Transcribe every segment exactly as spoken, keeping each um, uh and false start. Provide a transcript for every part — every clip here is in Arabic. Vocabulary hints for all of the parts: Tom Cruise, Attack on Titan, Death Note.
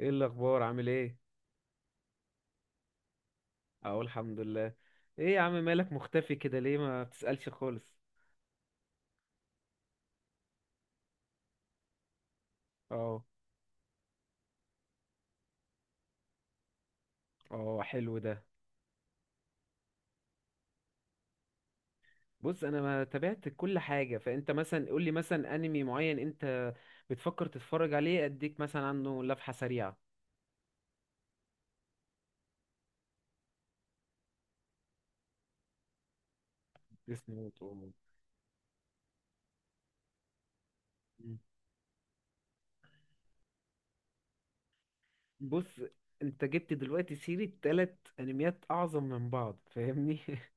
ايه الاخبار؟ عامل ايه؟ اقول الحمد لله. ايه يا عم، مالك مختفي كده ليه؟ ما بتسألش خالص؟ اه، اه، حلو ده. بص، انا ما تابعت كل حاجة. فانت مثلا قول لي مثلا انمي معين انت بتفكر تتفرج عليه، اديك مثلا عنه لفحة سريعة. اسمه تومو. مم. بص، انت جبت دلوقتي سيرة تلات انميات اعظم من بعض، فاهمني؟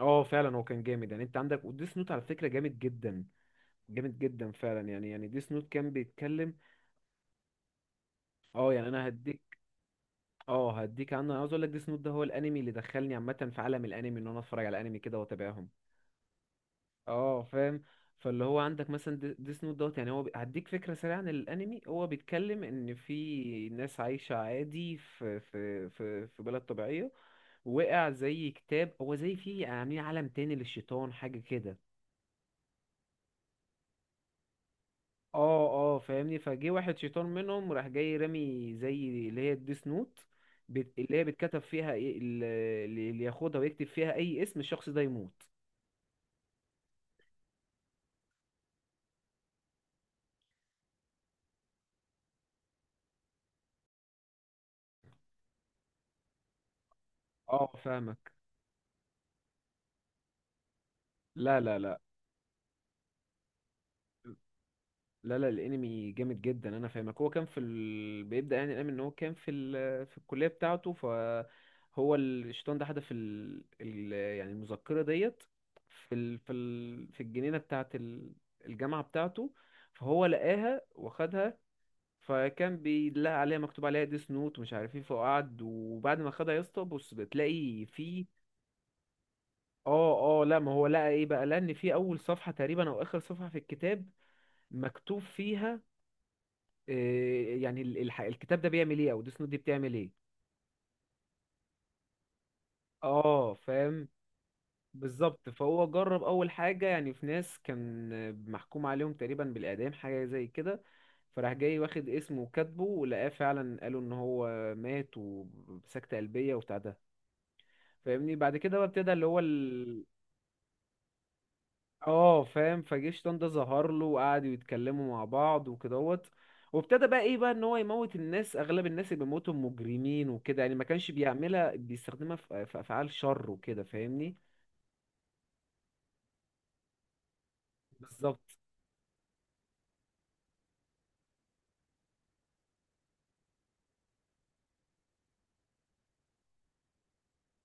اه، فعلا هو كان جامد يعني. انت عندك وديس نوت على فكرة، جامد جدا جامد جدا فعلا يعني يعني ديس نوت كان بيتكلم. اه، يعني انا هديك. اه، هديك عنه. انا عاوز اقول لك ديس نوت ده هو الانمي اللي دخلني عامه في عالم الانمي، ان انا اتفرج على الانمي كده واتابعهم. اه، فاهم. فاللي هو عندك مثلا دي- ديس نوت دوت. يعني هو بي- هديك فكره سريعه عن الانمي. هو بيتكلم ان في ناس عايشه عادي في في في في بلد طبيعيه. وقع زي كتاب. هو زي في عاملين عالم تاني للشيطان، حاجه كده. اه، اه، فاهمني. فجه واحد شيطان منهم راح جاي رامي زي اللي هي الديس نوت. بت... اللي هي بتكتب فيها ايه ال- اللي ياخدها ويكتب فيها اي اسم الشخص ده يموت. اه، فاهمك. لا، لا، لا. لا، لا، الانمي جامد جدا، انا فاهمك. هو كان في ال... بيبدأ يعني الانمي ان هو كان في ال... في الكلية بتاعته. فهو الشيطان ده حدف ال... ال... يعني المذكرة ديت في ال... في ال... في الجنينة بتاعت ال... الجامعة بتاعته. فهو لقاها واخدها. فكان بيلاقي عليها مكتوب عليها ديس نوت ومش عارف ايه، فقعد. وبعد ما خدها يا اسطى، بص، بتلاقي فيه. اه، اه، لا، ما هو لقى ايه بقى. لان في اول صفحة تقريبا او اخر صفحة في الكتاب مكتوب فيها إيه يعني ال- الح- الكتاب ده بيعمل ايه، او ديس نوت دي بتعمل ايه. اه، فاهم. بالظبط. فهو جرب اول حاجة يعني. في ناس كان محكوم عليهم تقريبا بالاعدام، حاجة زي كده. فراح جاي واخد اسمه وكاتبه، ولقاه فعلا قالوا ان هو مات وسكتة قلبية وبتاع ده، فاهمني؟ بعد كده بقى ابتدى اللي هو ال... اه، فاهم. فجيش طنطا ظهر له، وقعدوا يتكلموا مع بعض وكدهوت. وابتدى بقى ايه بقى، ان هو يموت الناس. اغلب الناس اللي بيموتوا مجرمين وكده يعني، ما كانش بيعملها، بيستخدمها في في افعال شر وكده، فاهمني. بالظبط.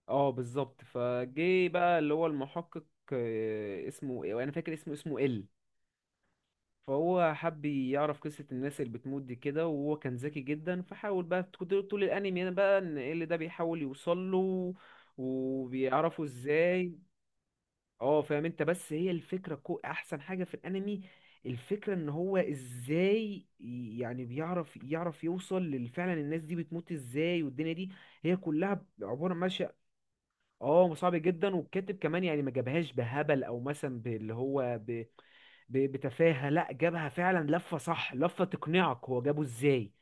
اه، بالظبط. فجه بقى اللي هو المحقق. آه، اسمه إيه؟ انا فاكر اسمه اسمه ال فهو حب يعرف قصة الناس اللي بتموت دي كده، وهو كان ذكي جدا. فحاول بقى، كنت طول الانمي انا بقى ان إيه اللي ده بيحاول يوصل له، وبيعرفوا ازاي. اه، فاهم انت. بس هي الفكرة كو احسن حاجة في الانمي. الفكرة ان هو ازاي ي- يعني بيعرف يعرف يوصل لل- فعلا الناس دي بتموت ازاي، والدنيا دي هي كلها عبارة ماشية. اه، صعب جدا. والكاتب كمان يعني ما جابهاش بهبل، او مثلا باللي هو ب... ب... بتفاهة. لا، جابها فعلا لفة صح، لفة تقنعك هو جابه ازاي.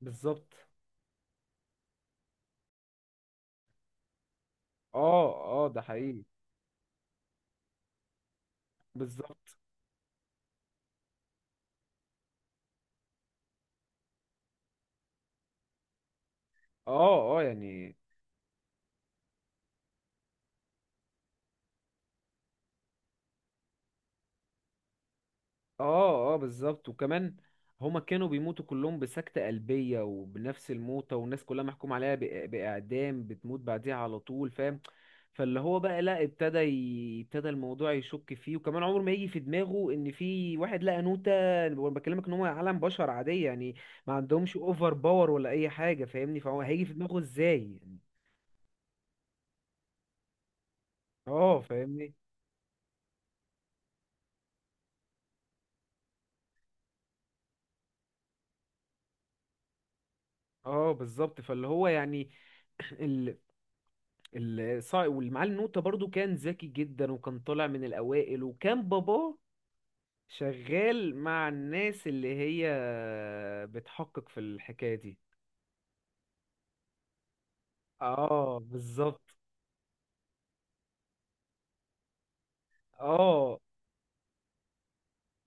بالظبط. اه، اه، ده حقيقي. بالظبط. اه، اه، يعني. اه، اه، بالظبط. وكمان هما كانوا بيموتوا كلهم بسكتة قلبية وبنفس الموتة. والناس كلها محكوم عليها بإ- بإعدام، بتموت بعديها على طول، فاهم. فاللي هو بقى لا، ابتدى، ي- ابتدى الموضوع يشك فيه. وكمان عمره ما يجي في دماغه ان في واحد لقى نوتة. وانا بكلمك ان هو عالم بشر عادية يعني، ما عندهمش اوفر باور ولا اي حاجة فاهمني. فهو هيجي في دماغه ازاي يعني؟ اه، فاهمني. اه، بالظبط. فاللي هو يعني. الصا- والمعلم نوتة برضو كان ذكي جدا، وكان طالع من الأوائل، وكان باباه شغال مع الناس اللي هي بتحقق في الحكاية دي. اه، بالظبط. اه،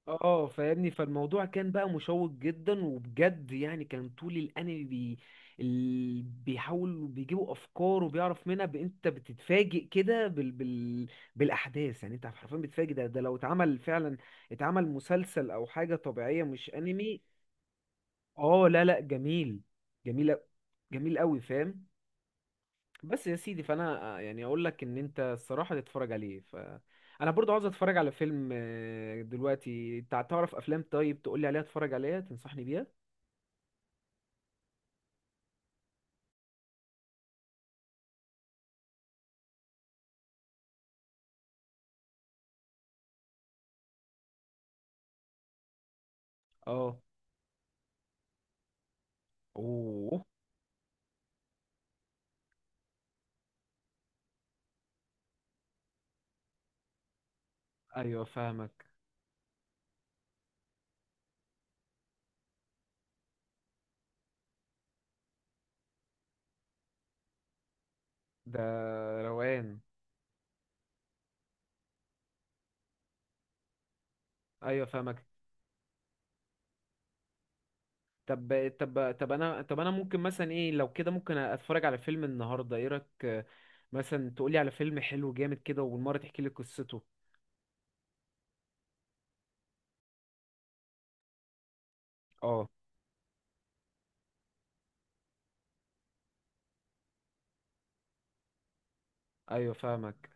اه، فاهمني. فالموضوع كان بقى مشوق جدا وبجد يعني. كان طول الانمي بي... ال... بيحاولوا بيجيبوا افكار وبيعرف منها ب... انت بتتفاجئ كده بال... بال... بالاحداث يعني. انت حرفيا بتتفاجئ. ده ده لو اتعمل فعلا، اتعمل مسلسل او حاجه طبيعيه، مش انمي. اه، لا، لا، جميل. جميل أ- جميل قوي، فاهم. بس يا سيدي، فانا آه، يعني اقول لك ان انت الصراحه تتفرج عليه. ف انا برضو عاوز اتفرج على فيلم آه، دلوقتي. انت تعرف افلام طيب تقول لي عليها، اتفرج عليها تنصحني بيها. اه. اوه. ايوه، فاهمك. ده روقان. ايوه، فاهمك. طب طب طب انا طب انا ممكن مثلا ايه لو كده ممكن اتفرج على فيلم النهارده، ايه رايك آه، مثلا تقولي على فيلم حلو جامد كده وبالمره تحكي لي قصته. اه، ايوه، فاهمك.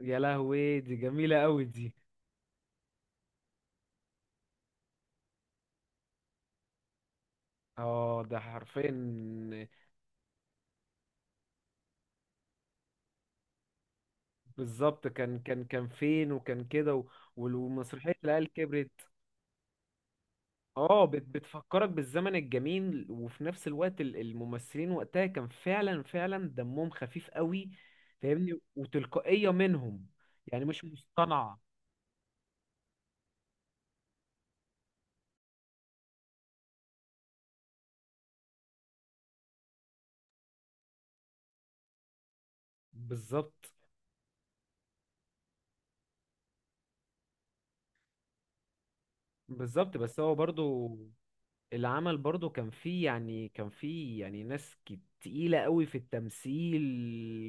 يا لهوي، دي جميله قوي دي. اه، ده حرفيا. بالظبط. كان كان كان فين، وكان كده، و- وال- ومسرحية العيال كبرت. اه، بت بتفكرك بالزمن الجميل، وفي نفس الوقت ال- الممثلين وقتها كان فعلا فعلا دمهم خفيف قوي، فاهمني. وتلقائية منهم، يعني مش مصطنعة. بالظبط. بالظبط، بس هو برضو العمل برضو كان فيه يعني كان فيه يعني ناس كت- تقيلة قوي في التمثيل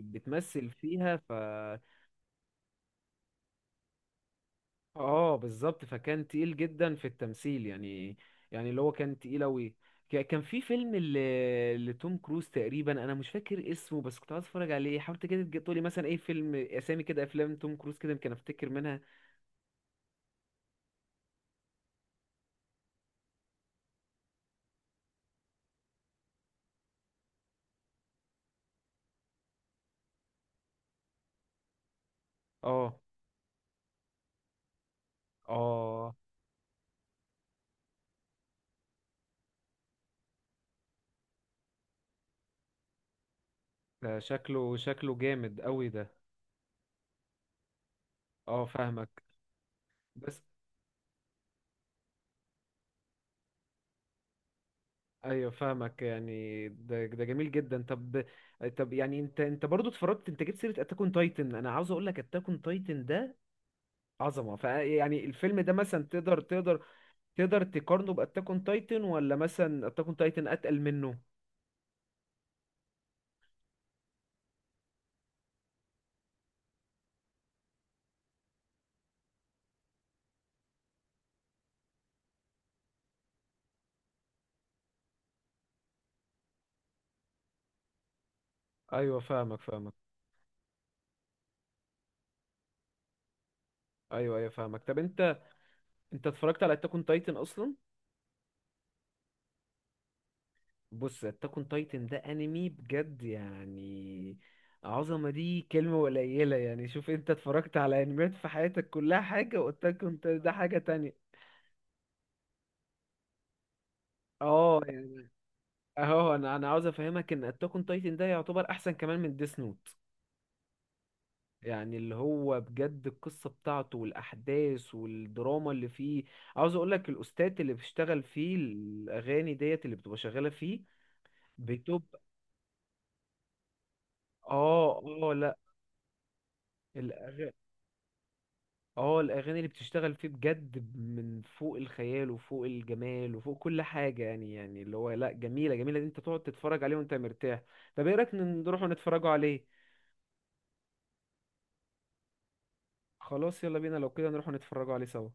بتمثل فيها. ف اه، بالظبط. فكان تقيل جدا في التمثيل يعني، يعني اللي هو كان تقيل اوي. ك- كان في فيلم ل- لتوم كروز تقريبا، انا مش فاكر اسمه، بس كنت عايز اتفرج عليه. حاولت كده تج- تقولي مثلا ايه فيلم، اسامي كده افلام توم كروز كده يمكن افتكر منها. اه، اه، ده شكله شكله جامد اوي ده. اه، فاهمك. بس ايوه، فاهمك. يعني ده ده جميل جدا. طب، طب يعني انت انت برضو اتفرجت. انت جبت سيره اتاك اون تايتن. انا عاوز اقول لك اتاك اون تايتن ده عظمه. فيعني الفيلم ده مثلا تقدر تقدر تقدر تقارنه باتاك اون تايتن، ولا مثلا اتاك اون تايتن اتقل منه؟ ايوه، فاهمك، فاهمك. ايوه، ايوه، فاهمك. طب انت، انت اتفرجت على اتاك اون تايتن اصلا؟ بص، اتاك اون تايتن ده انمي بجد يعني. عظمه دي كلمه قليله يعني. شوف، انت اتفرجت على انميات في حياتك كلها حاجه، واتاك اون تايتن ده حاجه تانية. اه يعني، اهو انا انا عاوز افهمك ان اتاك اون تايتن ده يعتبر احسن كمان من ديس نوت. يعني اللي هو بجد، القصة بتاعته والأحداث والدراما اللي فيه. عاوز أقولك الأستاذ اللي بيشتغل فيه، الأغاني ديت اللي بتبقى شغالة فيه بتبقى اه اه لا الأغ- اه الأغاني اللي بتشتغل فيه بجد من فوق الخيال وفوق الجمال وفوق كل حاجة يعني. يعني اللي هو لا، جميلة جميلة. دي انت تقعد تتفرج عليه وانت مرتاح. طب ايه رأيك نروح نتفرجوا عليه؟ خلاص، يلا بينا، لو كده نروح نتفرجوا عليه سوا.